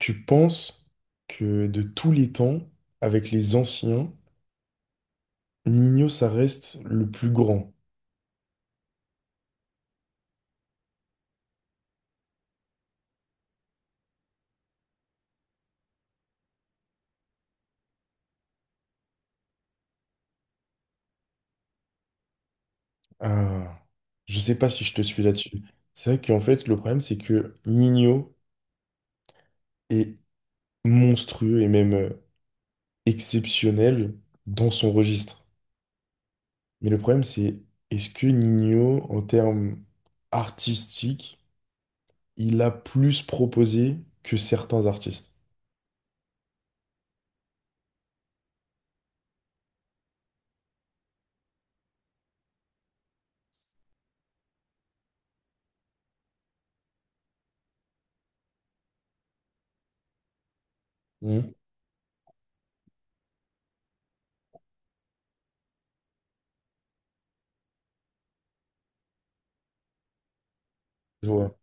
Tu penses que de tous les temps, avec les anciens, Nino, ça reste le plus grand. Ah, je sais pas si je te suis là-dessus. C'est vrai qu'en fait, le problème, c'est que Nino est monstrueux et même exceptionnel dans son registre. Mais le problème, c'est est-ce que Nino, en termes artistiques, il a plus proposé que certains artistes? Hmm, je vois.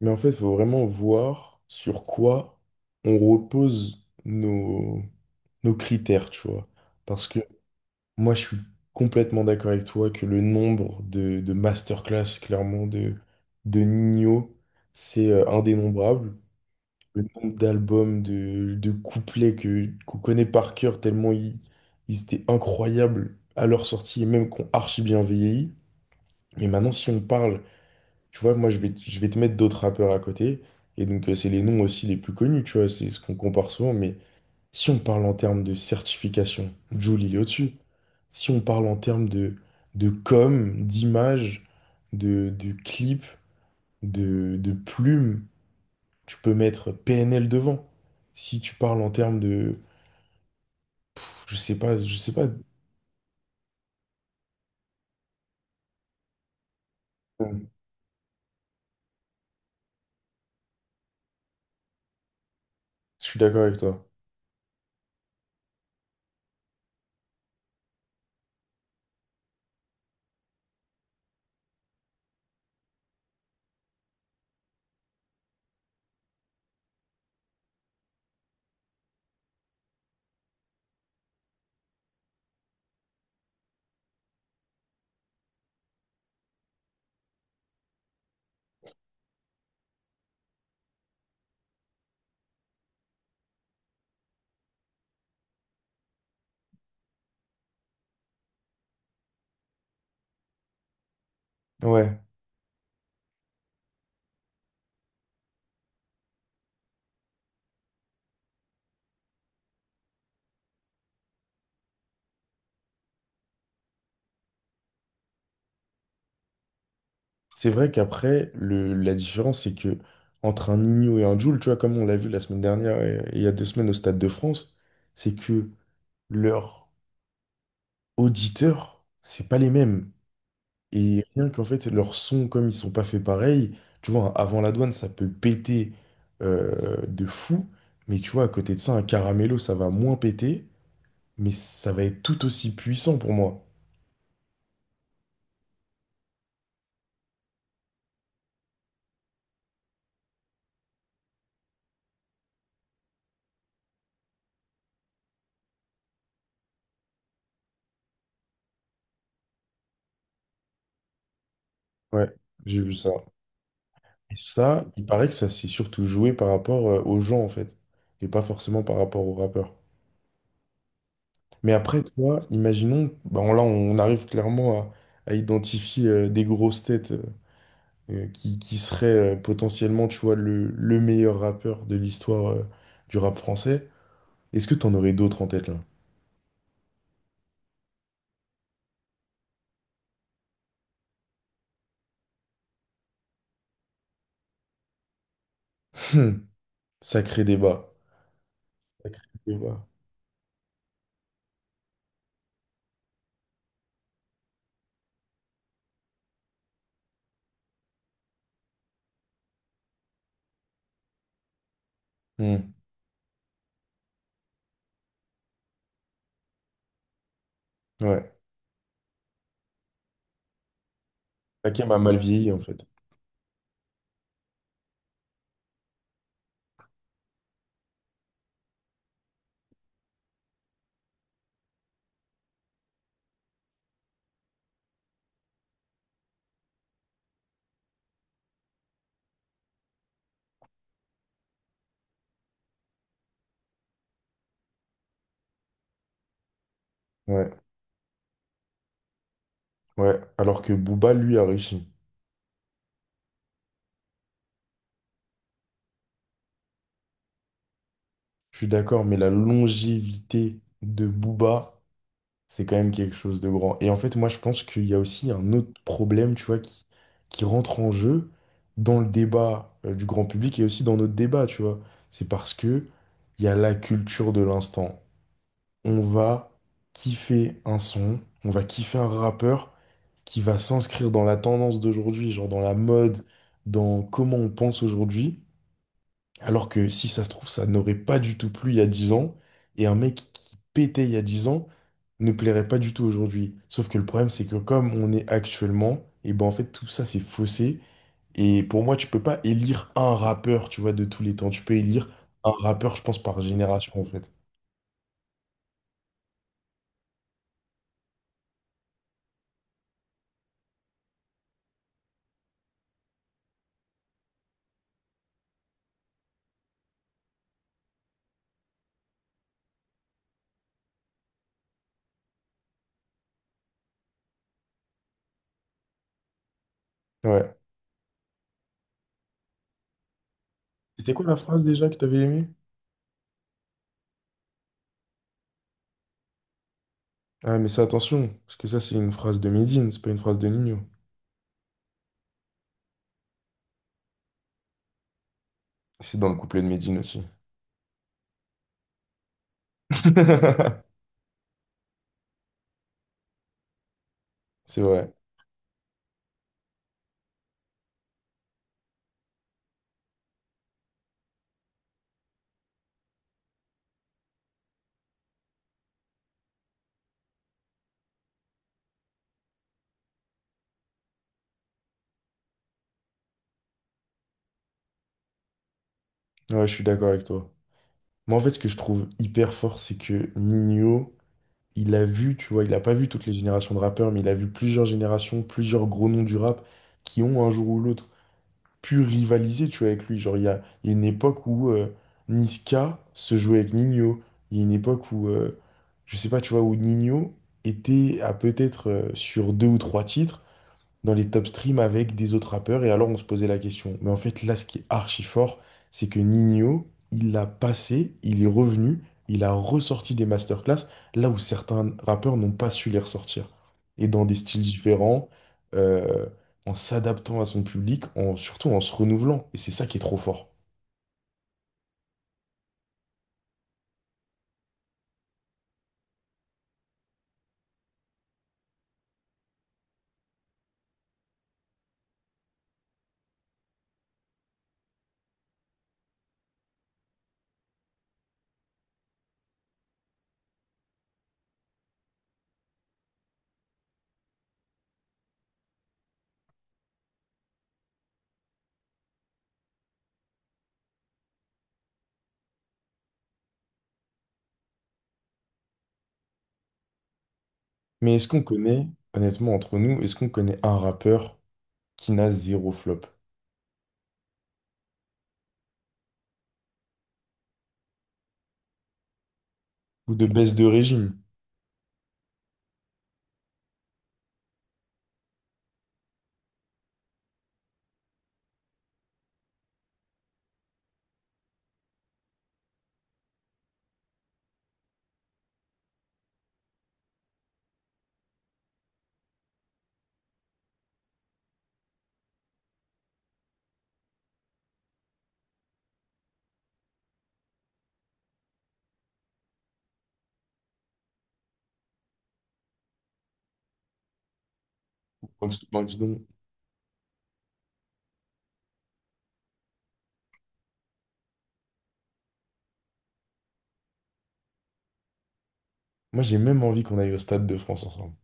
Mais en fait, il faut vraiment voir sur quoi on repose nos critères, tu vois. Parce que moi, je suis complètement d'accord avec toi que le nombre de masterclass, clairement, de Nino, c'est indénombrable. Le nombre d'albums, de couplets qu'on connaît par cœur, tellement ils étaient incroyables à leur sortie et même qu'on archi bien vieilli. Mais maintenant, si on parle tu vois, moi, je vais te mettre d'autres rappeurs à côté. Et donc, c'est les noms aussi les plus connus, tu vois, c'est ce qu'on compare souvent. Mais si on parle en termes de certification, Jul, il est au-dessus. Si on parle en termes de com, d'image, de clip, de plume, tu peux mettre PNL devant. Si tu parles en termes de... Je sais pas, je sais pas. Je suis d'accord avec toi. Ouais. C'est vrai qu'après, la différence, c'est que entre un Nino et un Jul, tu vois, comme on l'a vu la semaine dernière et il y a 2 semaines au Stade de France, c'est que leurs auditeurs, c'est pas les mêmes. Et rien qu'en fait, leurs sons, comme ils sont pas faits pareil, tu vois, un avant la douane, ça peut péter de fou, mais tu vois, à côté de ça, un caramello, ça va moins péter, mais ça va être tout aussi puissant pour moi. Ouais, j'ai vu ça. Et ça, il paraît que ça s'est surtout joué par rapport aux gens, en fait, et pas forcément par rapport aux rappeurs. Mais après, toi, imaginons, bah, là, on arrive clairement à identifier des grosses têtes qui seraient potentiellement, tu vois, le meilleur rappeur de l'histoire du rap français. Est-ce que t'en aurais d'autres en tête, là? Hum, Sacré débat. Sacré débat. Hum, Ouais. Hakim a mal vieilli, en fait. Ouais, ouais. Alors que Booba, lui, a réussi. Je suis d'accord, mais la longévité de Booba, c'est quand même quelque chose de grand. Et en fait, moi, je pense qu'il y a aussi un autre problème, tu vois, qui rentre en jeu dans le débat du grand public et aussi dans notre débat, tu vois. C'est parce que il y a la culture de l'instant. On va kiffer un son, on va kiffer un rappeur qui va s'inscrire dans la tendance d'aujourd'hui, genre dans la mode, dans comment on pense aujourd'hui. Alors que si ça se trouve, ça n'aurait pas du tout plu il y a 10 ans, et un mec qui pétait il y a 10 ans ne plairait pas du tout aujourd'hui. Sauf que le problème, c'est que comme on est actuellement, et ben en fait tout ça c'est faussé. Et pour moi, tu peux pas élire un rappeur, tu vois, de tous les temps. Tu peux élire un rappeur, je pense, par génération, en fait. Ouais. C'était quoi la phrase déjà que t'avais aimée? Ah, mais ça, attention, parce que ça, c'est une phrase de Medine, c'est pas une phrase de Nino. C'est dans le couplet de Medine aussi. C'est vrai. Ouais, je suis d'accord avec toi. Moi, en fait, ce que je trouve hyper fort, c'est que Nino, il a vu, tu vois, il a pas vu toutes les générations de rappeurs, mais il a vu plusieurs générations, plusieurs gros noms du rap qui ont un jour ou l'autre pu rivaliser, tu vois, avec lui. Genre, il y a une époque où Niska se jouait avec Nino. Il y a une époque où, je sais pas, tu vois, où Nino était à peut-être sur deux ou trois titres dans les top streams avec des autres rappeurs et alors on se posait la question. Mais en fait, là, ce qui est archi fort, c'est que Nino, il l'a passé, il est revenu, il a ressorti des masterclass là où certains rappeurs n'ont pas su les ressortir. Et dans des styles différents, euh, en s'adaptant à son public, en, surtout en se renouvelant. Et c'est ça qui est trop fort. Mais est-ce qu'on connaît, honnêtement, entre nous, est-ce qu'on connaît un rappeur qui n'a zéro flop? Ou de baisse de régime? Parce ben, dis donc. Moi, j'ai même envie qu'on aille au Stade de France ensemble.